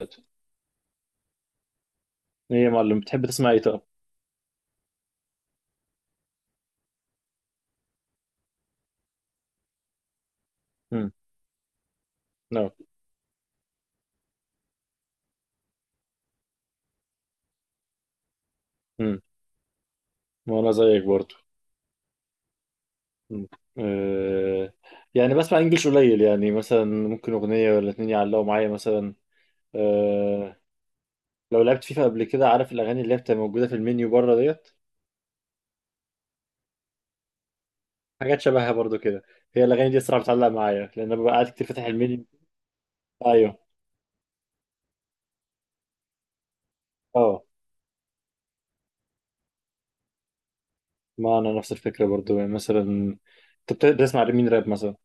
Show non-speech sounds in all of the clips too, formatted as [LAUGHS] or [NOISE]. ايه. يا معلم، بتحب تسمع ايه طب؟ امم. نعم. امم. وانا زيك برضو. مم. أه يعني بسمع انجلش قليل يعني مثلا ممكن اغنيه ولا اتنين يعلقوا معايا مثلا. أه. لو لعبت فيفا قبل كده، عارف الاغاني اللي هي بتبقى موجوده في المنيو بره ديت؟ حاجات شبهها برضو كده. هي الاغاني دي الصراحه بتعلق معايا لان انا ببقى قاعد كتير فاتح المنيو. ايوه. اه. ما انا نفس الفكره برضو يعني مثلا. انت بتسمع مين راب مثلا؟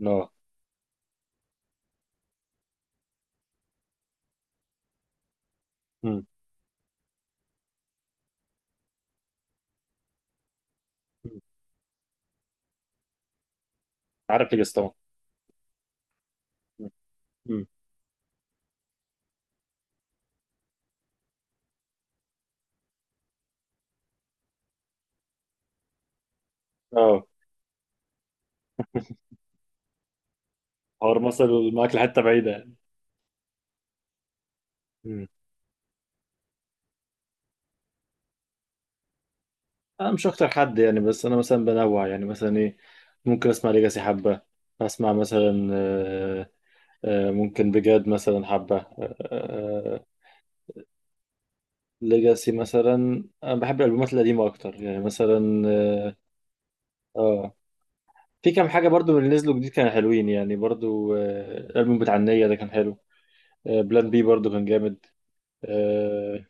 اه. امم. عارف ليجاسي طبعا. مم. مم. اه. حوار مثلا معاك لحته بعيده. مم. انا مش اكتر حد يعني، بس انا مثلا بنوع يعني مثلا ايه. ممكن اسمع ليجاسي حبه. اسمع مثلا ممكن بجد مثلا حبه ليجاسي مثلا. انا بحب الالبومات القديمه اكتر يعني مثلا اه. آه، في كام حاجه برضو من اللي نزلوا جديد كانوا حلوين يعني برضو. الالبوم بتاع النية ده كان حلو. بلان بي برضو كان جامد. آه،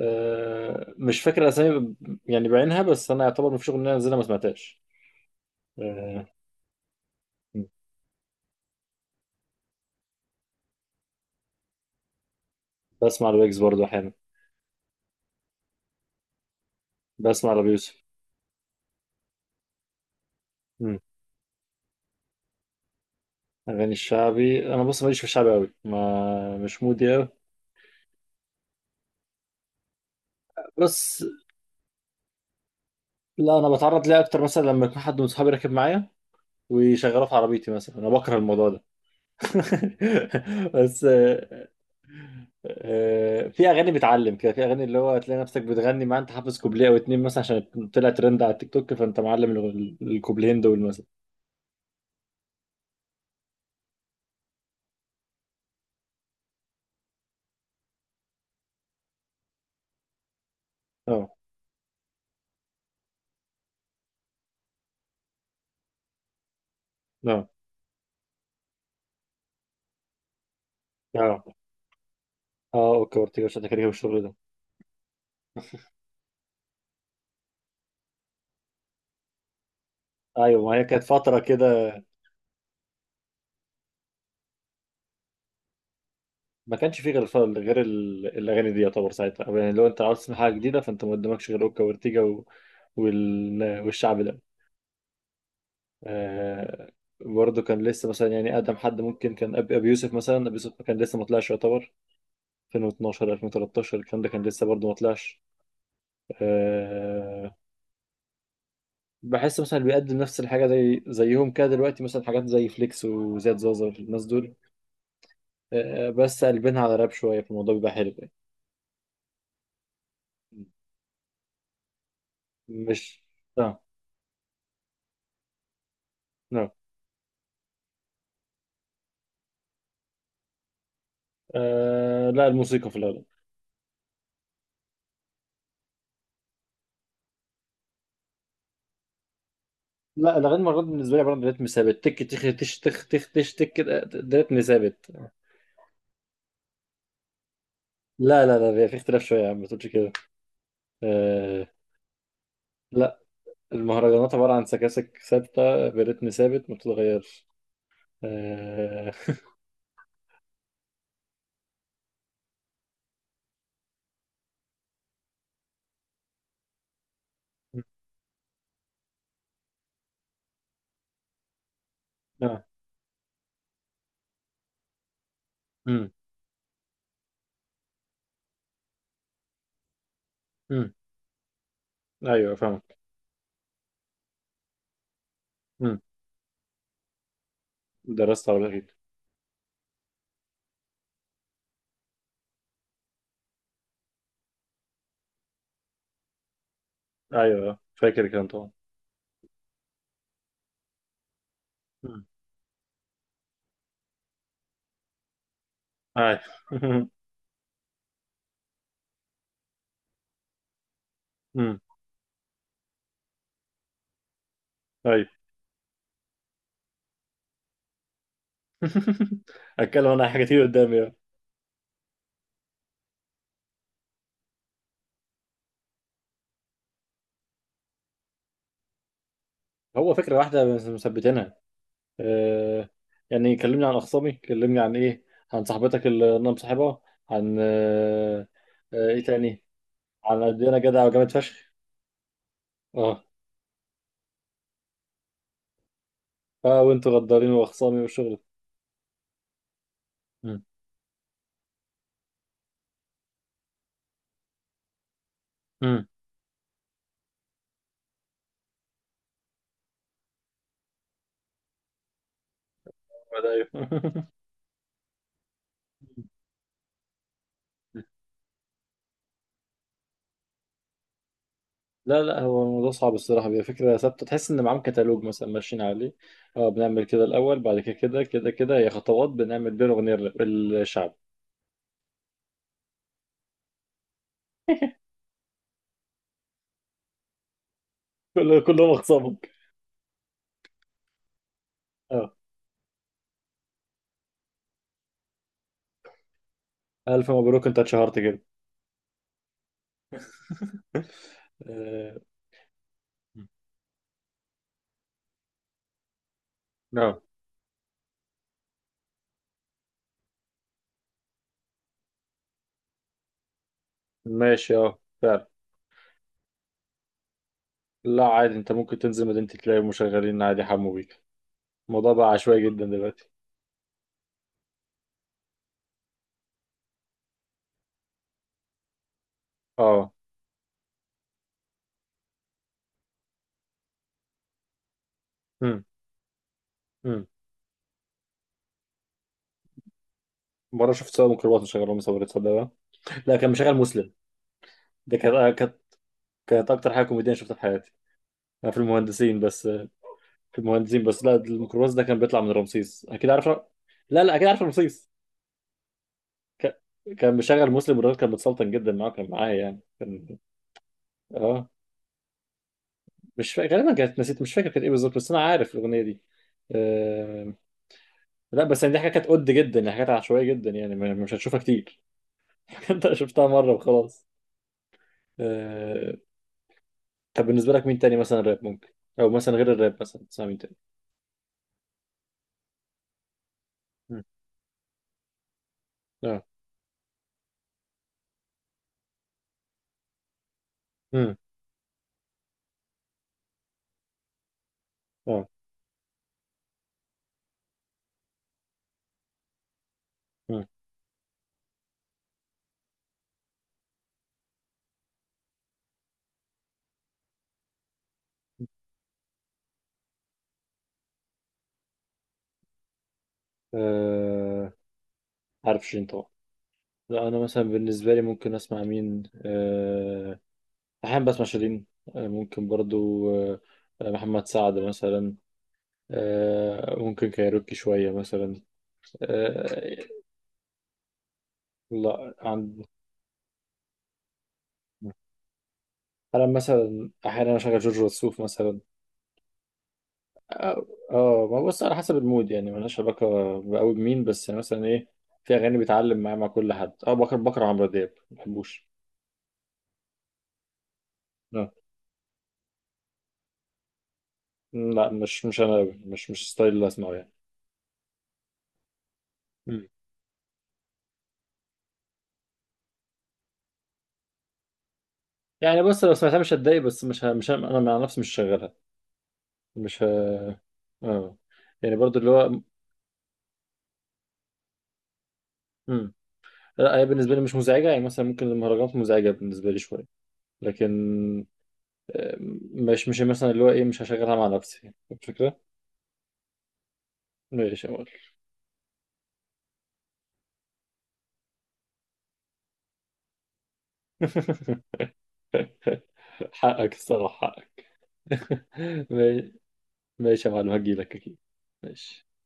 مش فاكر اسامي يعني بعينها، بس انا يعتبر مفيش اغنيه نزلها ما سمعتهاش. آه، بسمع لويجز برضه احيانا. بسمع لابي يوسف. مم. اغاني الشعبي، انا بص ماليش في الشعبي قوي، ما مش مودي قوي. بس لا، انا بتعرض ليه اكتر مثلا لما يكون حد من صحابي راكب معايا ويشغله في عربيتي مثلا. انا بكره الموضوع ده. [LAUGHS] بس في اغاني بتعلم كده، في اغاني اللي هو هتلاقي نفسك بتغني معاه. انت حافظ كوبليه او اتنين مثلا عشان طلع ترند على التيك توك، فانت معلم الكوبليهين دول مثلا. اه. اه. اه. اه. اوكي. اورتيجا مش كده والشغل ده. ايوه، ما هي كانت فتره كده. ما كانش فيه غير غير الاغاني دي يعتبر ساعتها. يعني لو انت عاوز تسمع حاجه جديده، فانت ما قدامكش غير اوكا وارتيجا والشعب ده. آه... برضه كان لسه مثلا، يعني اقدم حد ممكن كان ابي يوسف مثلا. ابي يوسف كان لسه ما طلعش يعتبر 2012 2013. الكلام ده كان لسه برضه ما طلعش. آه... بحس مثلا اللي بيقدم نفس الحاجه زي زيهم كده دلوقتي، مثلا حاجات زي فليكس وزياد زازا والناس دول. بس قلبينها على راب شويه، فالموضوع بيبقى حلو يعني. مش. اه. نعم. لا، الموسيقى في الأغلب. لا، الأغاني مرات بالنسبة لي عبارة عن رتم ثابت. تك تخ تش تخ تخ تش تك كده، ده رتم ثابت. لا لا لا، بيبقى في اختلاف شوية يا عم، ما تقولش كده. آه. لا، المهرجانات عبارة عن سكاسك ثابتة برتم ثابت ما بتتغيرش. آه. آه. مم. مم. أيوه، فاهمك. مم. درست عربي أكيد. أيوه، فاكر الكلام طبعا. مم. أيوه. [LAUGHS] مم. أيوه. [LAUGHS] أتكلم أنا عن حاجات كتير قدامي. هو فكرة واحدة بس مثبتينها. آه. يعني كلمني عن أخصامي، كلمني عن إيه، عن صاحبتك اللي أنا مصاحبها، عن آه. آه، إيه تاني؟ عن قد إيه أنا جدع وجامد فشخ. أه. أه، وأنتوا غدارين وأخصامي والشغل. مم. مم. ده أيوه. [LAUGHS] لا لا، هو الموضوع صعب الصراحة، بيبقى فكرة ثابتة تحس إن معاهم كتالوج مثلا ماشيين عليه. أه، بنعمل كده الأول، بعد كده كده كده كده، هي خطوات بنعمل بين أغنية الشعب. [LAUGHS] كلهم أخصامك. أه. ألف مبروك، أنت اتشهرت كده. أه. ماشي، اه فعلا. لا عادي، انت ممكن تنزل مدينتي تلاقي مشغلين عادي حمو بيك. الموضوع بقى عشوائي جدا دلوقتي. اه. امم. امم. مرة شفت سواق ميكروباص مشغل رامي صبري، تصدق بقى؟ لا، كان مشغل مسلم. ده كانت اكتر حاجة كوميدية شفتها في حياتي. انا في المهندسين بس، في المهندسين بس. لا، الميكروباص ده كان بيطلع من رمسيس، اكيد عارف. لا لا، اكيد عارف رمسيس. ك... كان مشغل مسلم، والراجل كان متسلطن جدا معاه، كان معايا يعني كان. اه. مش فاكر غالبا، كانت نسيت، مش فاكر كانت ايه بالظبط، بس انا عارف الاغنية دي. آه، لا بس يعني دي حاجات كانت قد جدا، يعني حاجات عشوائية جدا يعني مش هتشوفها كتير. [LAUGHS] انت شفتها مرة وخلاص. آه... طب بالنسبة لك مين تاني مثلا راب ممكن، او مثلا غير الراب مثلا تسمع مين تاني؟ مم. اه. مم. اه. مم. آه... عارف شيرين طبعا. لا انا مثلا بالنسبة لي ممكن اسمع مين احيانا بسمع شيرين. آه، ممكن برضو محمد سعد مثلا. ممكن كايروكي شوية مثلا. آه... لا عند. انا مثلا احيانا اشغل جورج وسوف مثلا. اه ما بص، على حسب المود يعني ملهاش علاقه قوي بمين، بس يعني مثلا ايه. في اغاني بيتعلم معايا مع كل حد. اه، بكره عمرو دياب ما بحبوش. آه. لا، مش انا أوي. مش ستايل اللي اسمعه يعني. مم. يعني بص، لو سمعتها مش هتضايق، بس مش ه... مش ه... انا مع نفسي مش شغالها. مش ه... اه يعني برضو اللي هو. مم. لا، هي بالنسبه لي مش مزعجه. يعني مثلا ممكن المهرجانات مزعجه بالنسبه لي شويه، لكن مش مش مثلا اللي هو ايه، مش هشغلها مع نفسي الفكرة. ماشي يا مول. [LAUGHS] حقك الصراحة، حقك. [LAUGHS] ماشي. ماشي يا معلم، هجيلك اكيد. ماشي.